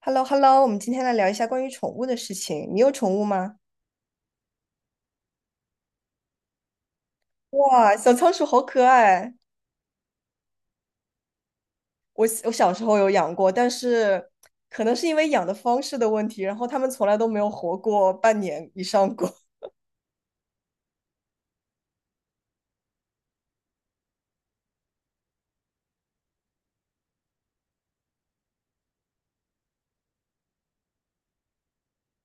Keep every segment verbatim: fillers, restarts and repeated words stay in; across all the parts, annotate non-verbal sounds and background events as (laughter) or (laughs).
h e l l o h e l l o 我们今天来聊一下关于宠物的事情。你有宠物吗？哇，小仓鼠好可爱！我我小时候有养过，但是可能是因为养的方式的问题，然后它们从来都没有活过半年以上过。(laughs)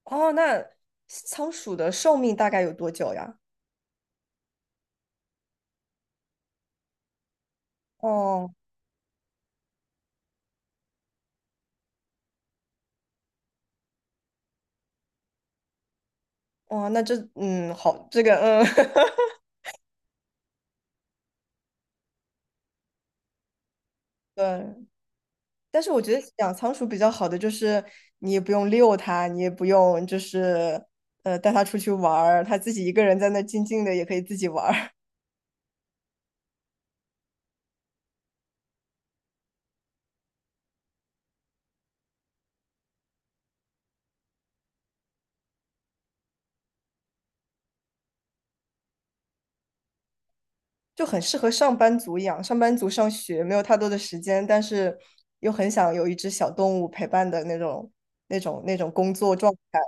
哦，那仓鼠的寿命大概有多久呀？哦，哦，那这嗯，好，这个嗯，(laughs) 对。但是我觉得养仓鼠比较好的就是你也不用遛它，你也不用就是呃带它出去玩儿，它自己一个人在那静静的也可以自己玩儿，(laughs) 就很适合上班族养。上班族上学没有太多的时间，但是又很想有一只小动物陪伴的那种那种那种工作状态。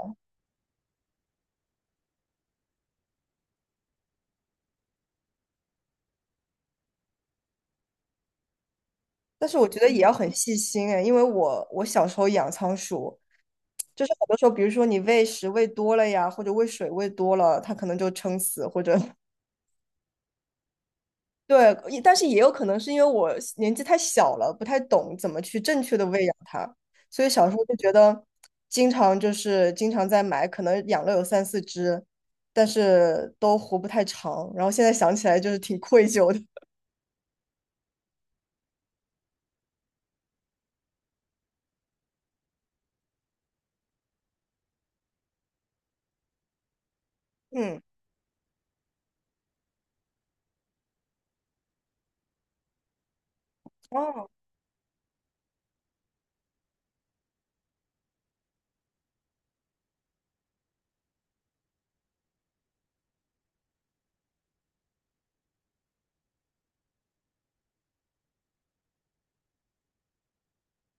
但是我觉得也要很细心哎，因为我我小时候养仓鼠。就是很多时候，比如说你喂食喂多了呀，或者喂水喂多了，它可能就撑死，或者对，也但是也有可能是因为我年纪太小了，不太懂怎么去正确的喂养它，所以小时候就觉得，经常就是经常在买，可能养了有三四只，但是都活不太长。然后现在想起来就是挺愧疚的。嗯，哦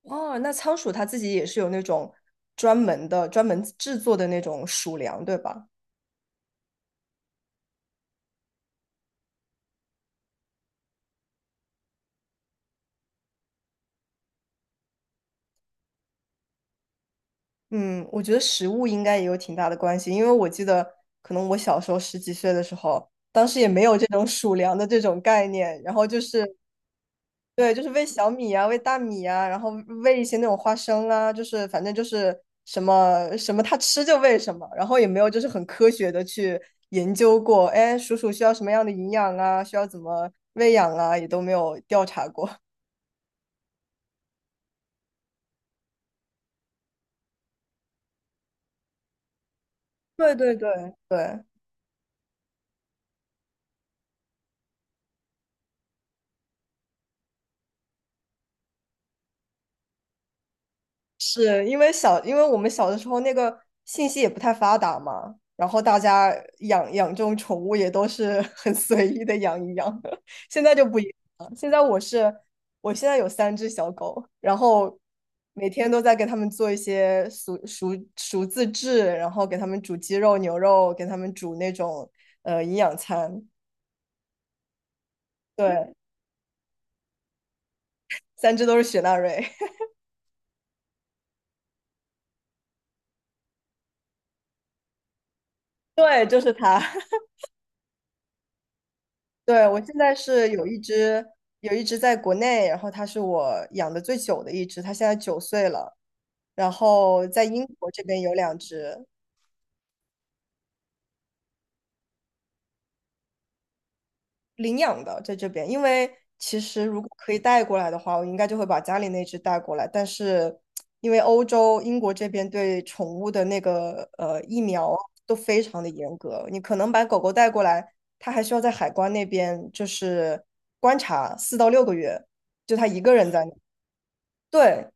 哦，那仓鼠它自己也是有那种专门的、专门制作的那种鼠粮，对吧？嗯，我觉得食物应该也有挺大的关系，因为我记得可能我小时候十几岁的时候，当时也没有这种鼠粮的这种概念，然后就是对，就是喂小米啊，喂大米啊，然后喂一些那种花生啊，就是反正就是什么什么它吃就喂什么，然后也没有就是很科学的去研究过，哎，鼠鼠需要什么样的营养啊，需要怎么喂养啊，也都没有调查过。(laughs) 对对对，对，是因为小，因为我们小的时候那个信息也不太发达嘛，然后大家养养这种宠物也都是 (laughs) 很随意的养一养，(laughs) 现在就不一样了。现在我是，我现在有三只小狗，然后每天都在给它们做一些熟熟熟自制，然后给它们煮鸡肉、牛肉，给它们煮那种呃营养餐。对，三只都是雪纳瑞，(laughs) 对，就是它。对，我现在是有一只，有一只在国内，然后它是我养的最久的一只，它现在九岁了。然后在英国这边有两只领养的，在这边，因为其实如果可以带过来的话，我应该就会把家里那只带过来。但是因为欧洲英国这边对宠物的那个呃疫苗都非常的严格，你可能把狗狗带过来，它还需要在海关那边就是观察四到六个月，就它一个人在那。对，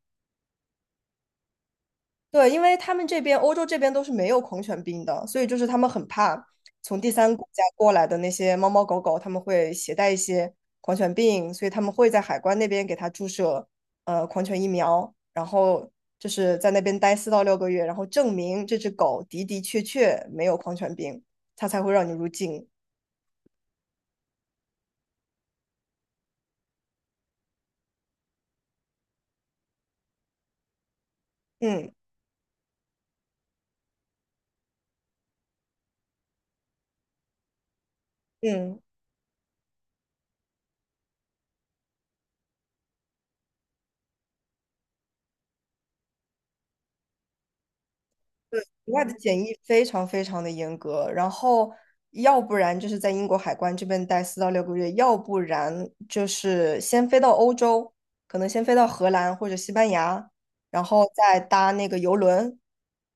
对，因为他们这边欧洲这边都是没有狂犬病的，所以就是他们很怕从第三国家过来的那些猫猫狗狗，他们会携带一些狂犬病，所以他们会在海关那边给它注射呃狂犬疫苗，然后就是在那边待四到六个月，然后证明这只狗的的确确没有狂犬病，它才会让你入境。嗯嗯。国外的检疫非常非常的严格，然后要不然就是在英国海关这边待四到六个月，要不然就是先飞到欧洲，可能先飞到荷兰或者西班牙，然后再搭那个游轮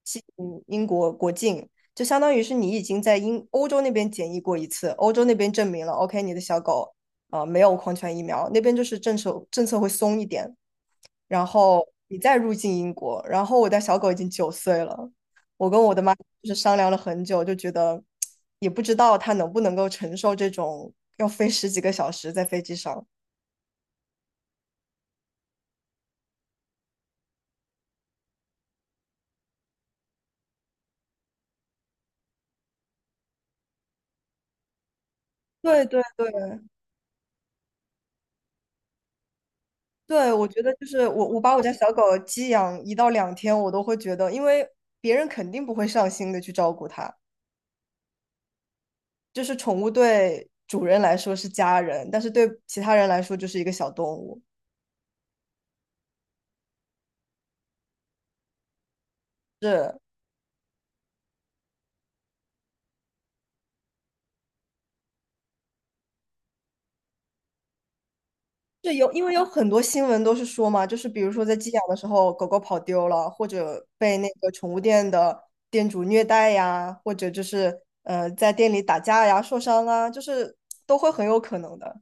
进英国国境，就相当于是你已经在英欧洲那边检疫过一次，欧洲那边证明了 OK 你的小狗啊、呃没有狂犬疫苗，那边就是政策政策会松一点，然后你再入境英国，然后我家小狗已经九岁了。就是商量了很久，就觉得也不知道他能不能够承受这种要飞十几个小时在飞机上。对对对对，我觉得就是我我把我家小狗寄养一到两天，我都会觉得，因为别人肯定不会上心的去照顾它，就是宠物对主人来说是家人，但是对其他人来说就是一个小动物。是，是有，因为有很多新闻都是说嘛，就是比如说在寄养的时候，狗狗跑丢了，或者被那个宠物店的店主虐待呀，或者就是呃在店里打架呀、受伤啊，就是都会很有可能的。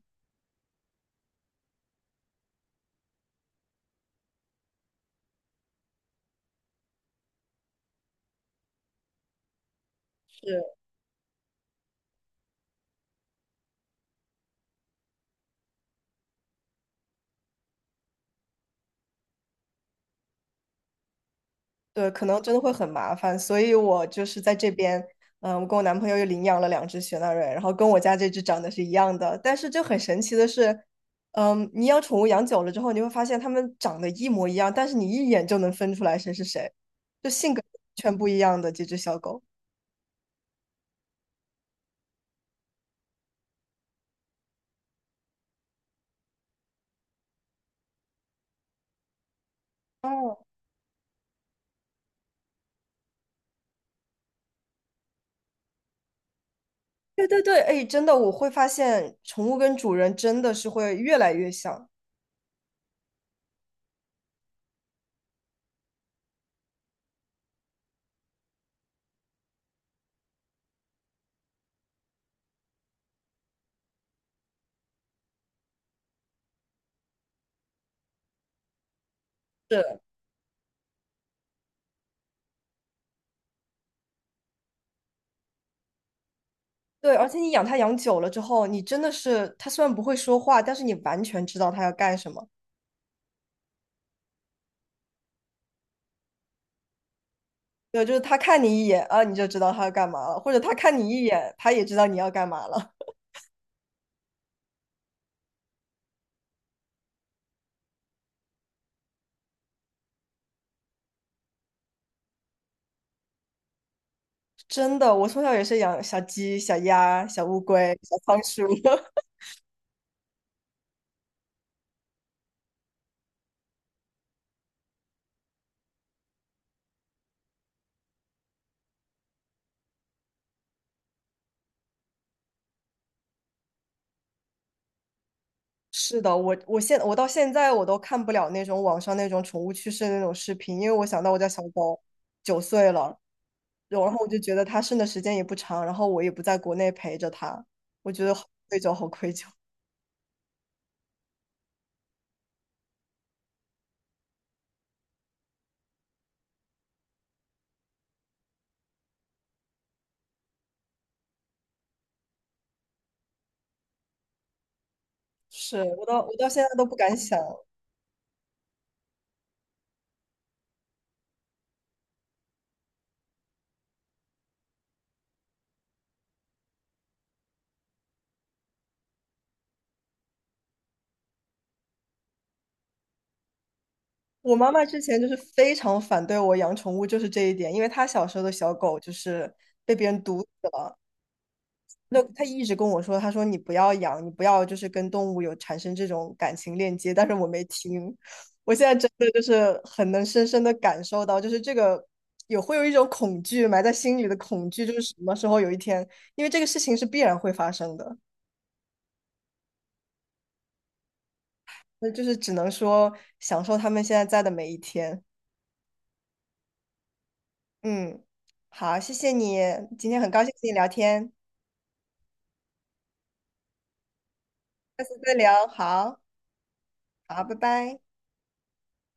是对，可能真的会很麻烦，所以我就是在这边，嗯，我跟我男朋友又领养了两只雪纳瑞，然后跟我家这只长得是一样的，但是就很神奇的是，嗯，你养宠物养久了之后，你会发现它们长得一模一样，但是你一眼就能分出来谁是谁，就性格完全不一样的几只小狗。哦，对对对，哎，真的，我会发现宠物跟主人真的是会越来越像。是，对，而且你养它养久了之后，你真的是它虽然不会说话，但是你完全知道它要干什么。对，就是他看你一眼啊，你就知道他要干嘛了，或者他看你一眼，他也知道你要干嘛了。(laughs) 真的，我从小也是养小鸡、小鸭、小乌龟、小仓鼠。(laughs) 是的，我我现我到现在我都看不了那种网上那种宠物去世的那种视频，因为我想到我家小狗九岁了，然后我就觉得它剩的时间也不长，然后我也不在国内陪着它，我觉得好愧疚，好愧疚。(laughs) 是我到我到现在都不敢想。我妈妈之前就是非常反对我养宠物，就是这一点，因为她小时候的小狗就是被别人毒死了，那她一直跟我说，她说你不要养，你不要就是跟动物有产生这种感情链接，但是我没听，我现在真的就是很能深深的感受到，就是这个有会有一种恐惧埋在心里的恐惧，就是什么时候有一天，因为这个事情是必然会发生的，那就是只能说享受他们现在在的每一天，嗯。好，谢谢你，今天很高兴跟你聊天。下次再聊，好，好，拜拜。